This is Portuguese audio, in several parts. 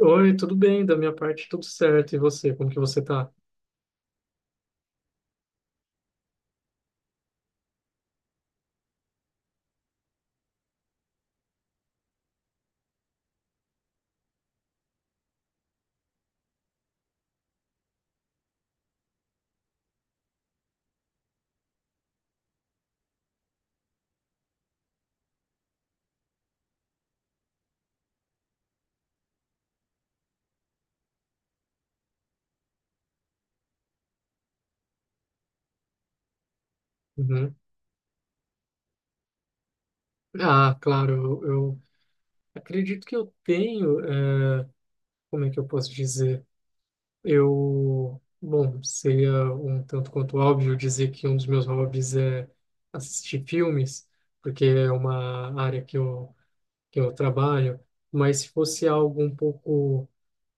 Oi, tudo bem? Da minha parte, tudo certo. E você, como que você tá? Uhum. Ah, claro, eu acredito que eu tenho, eh, como é que eu posso dizer? Eu, bom, seria um tanto quanto óbvio dizer que um dos meus hobbies é assistir filmes, porque é uma área que eu trabalho, mas se fosse algo um pouco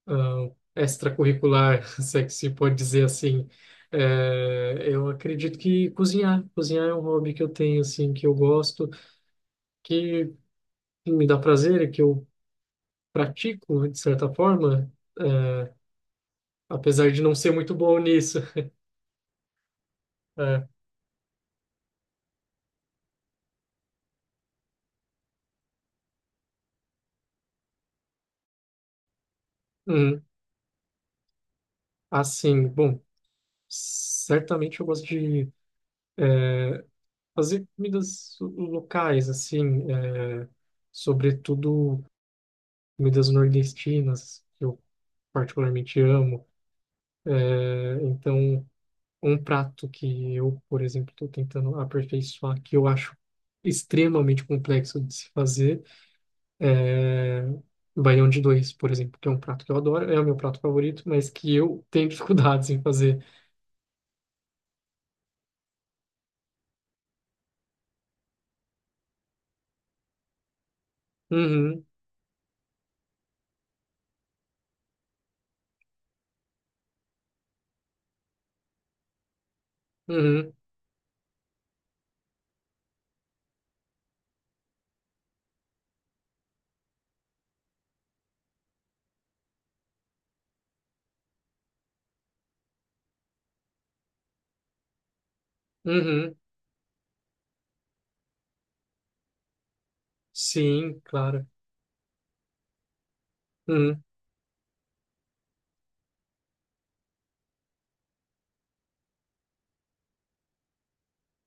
ah, extracurricular, se é que se pode dizer assim. É, eu acredito que cozinhar, cozinhar é um hobby que eu tenho, assim, que eu gosto, que assim, me dá prazer, que eu pratico, de certa forma, é, apesar de não ser muito bom nisso. É, hum, assim, bom, certamente eu gosto de é, fazer comidas locais, assim, é, sobretudo comidas nordestinas, que eu particularmente amo. É, então, um prato que eu, por exemplo, estou tentando aperfeiçoar, que eu acho extremamente complexo de se fazer, é baião de dois, por exemplo, que é um prato que eu adoro, é o meu prato favorito, mas que eu tenho dificuldades em fazer. Uhum, uhum, uhum, sim, claro. Uhum,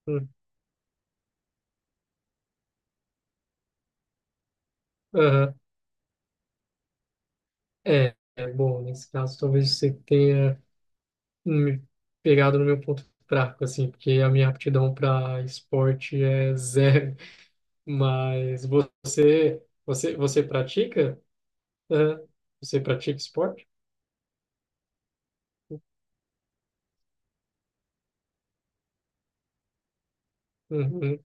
uhum, aham. É, bom, nesse caso, talvez você tenha me pegado no meu ponto fraco, assim, porque a minha aptidão para esporte é zero. Mas você pratica? Aham. Você pratica esporte? Uhum.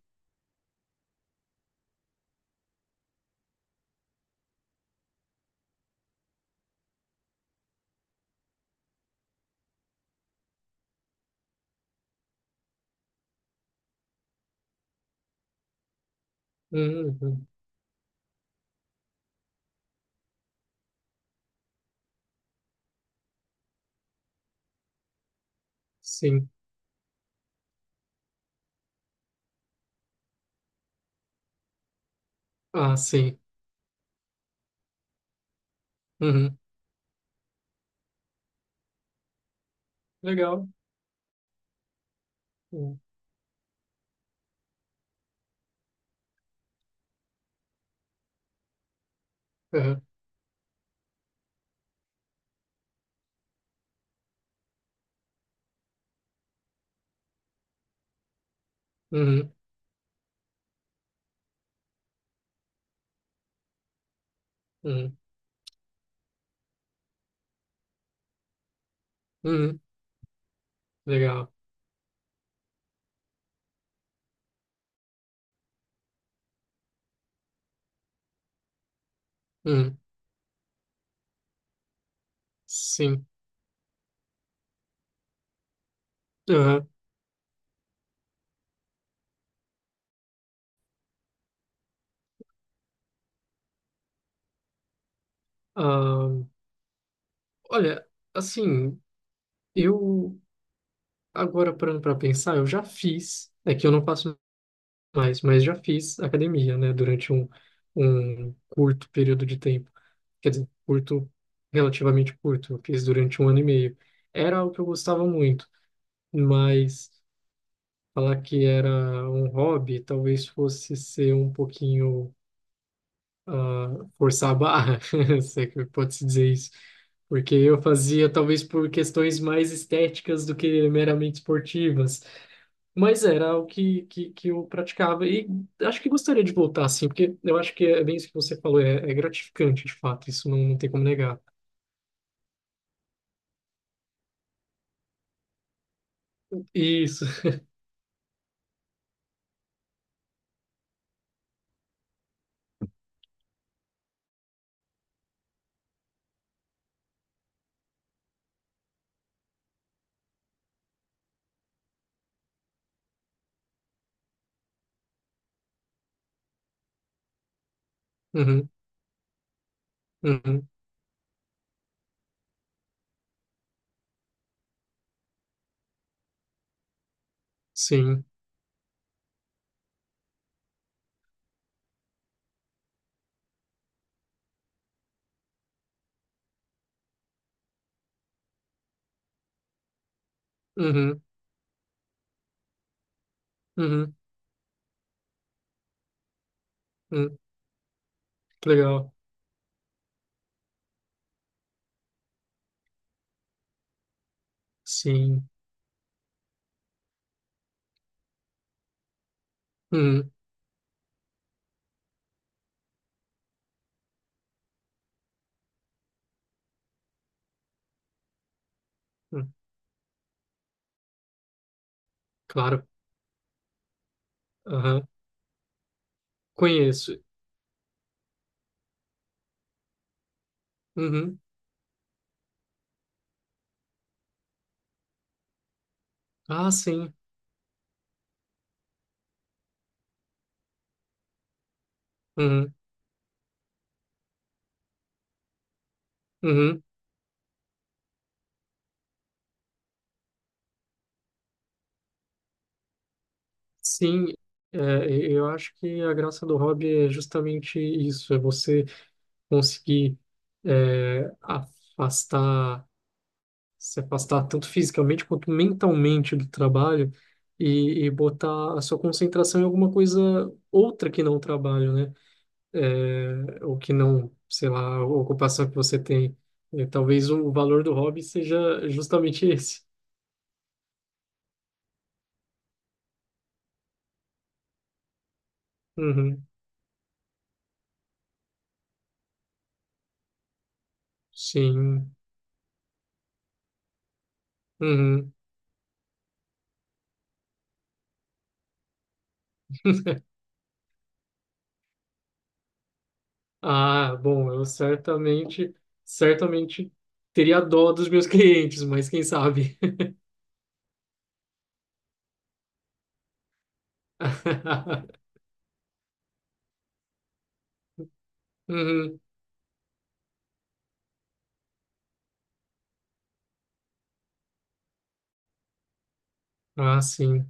Uhum. Sim. Ah, sim. Uhum. Legal. Uhum. Uhum. Uhum. Uhum. Legal. Uhum. Sim. Uhum. Ah, olha, assim, eu agora parando para pensar, eu já fiz. É que eu não faço mais, mas já fiz academia, né, durante um curto período de tempo. Quer dizer, curto, relativamente curto, eu fiz durante um ano e meio. Era o que eu gostava muito, mas falar que era um hobby talvez fosse ser um pouquinho forçar a barra, se é que pode-se dizer isso. Porque eu fazia talvez por questões mais estéticas do que meramente esportivas. Mas era o que eu praticava e acho que gostaria de voltar, assim, porque eu acho que é bem isso que você falou, é gratificante, de fato, isso não tem como negar. Isso. Uhum, uhum, sim. Uhum, uhum, uhum, que legal. Sim. Uhum, uhum, claro. Aham, conheço. Uhum. Ah, sim. Uhum, uhum, sim. É, eu acho que a graça do hobby é justamente isso, é você conseguir é, afastar se afastar tanto fisicamente quanto mentalmente do trabalho e botar a sua concentração em alguma coisa outra que não o trabalho, né? É, ou que não, sei lá, a ocupação que você tem. E talvez o valor do hobby seja justamente esse. Uhum, sim. Uhum. Ah, bom, eu certamente teria dó dos meus clientes, mas quem sabe? Uhum. Ah, sim.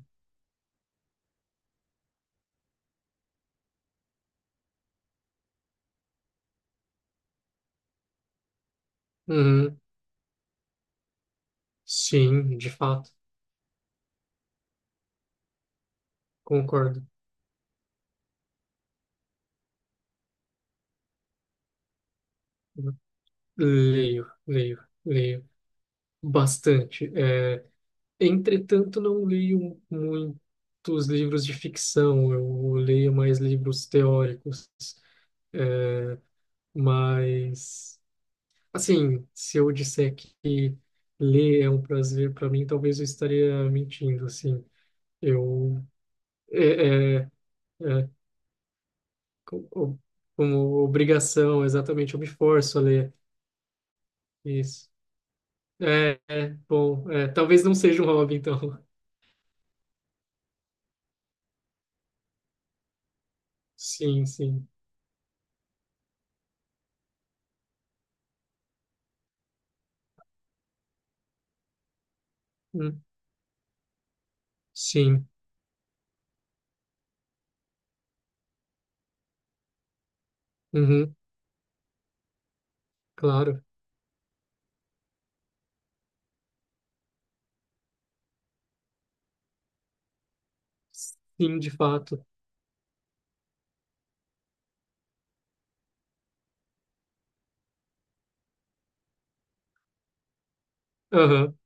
Uhum. Sim, de fato. Concordo. Leio, leio, leio bastante. É, entretanto, não leio muitos livros de ficção. Eu leio mais livros teóricos. É, mas, assim, se eu disser que ler é um prazer para mim, talvez eu estaria mentindo, assim. Eu, é, é, é, co- co- como obrigação, exatamente, eu me forço a ler isso. É, bom, é, talvez não seja um hobby, então. Sim, sim. Hum, sim. Uhum, claro. Sim, de fato. Aham,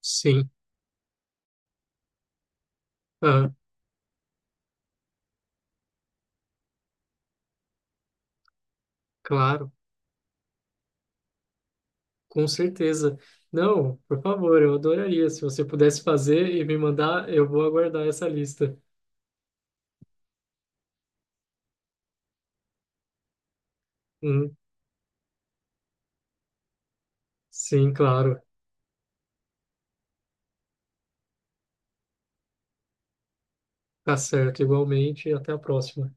sim. Aham, claro. Com certeza. Não, por favor, eu adoraria. Se você pudesse fazer e me mandar, eu vou aguardar essa lista. Hum, sim, claro. Tá certo, igualmente. E até a próxima.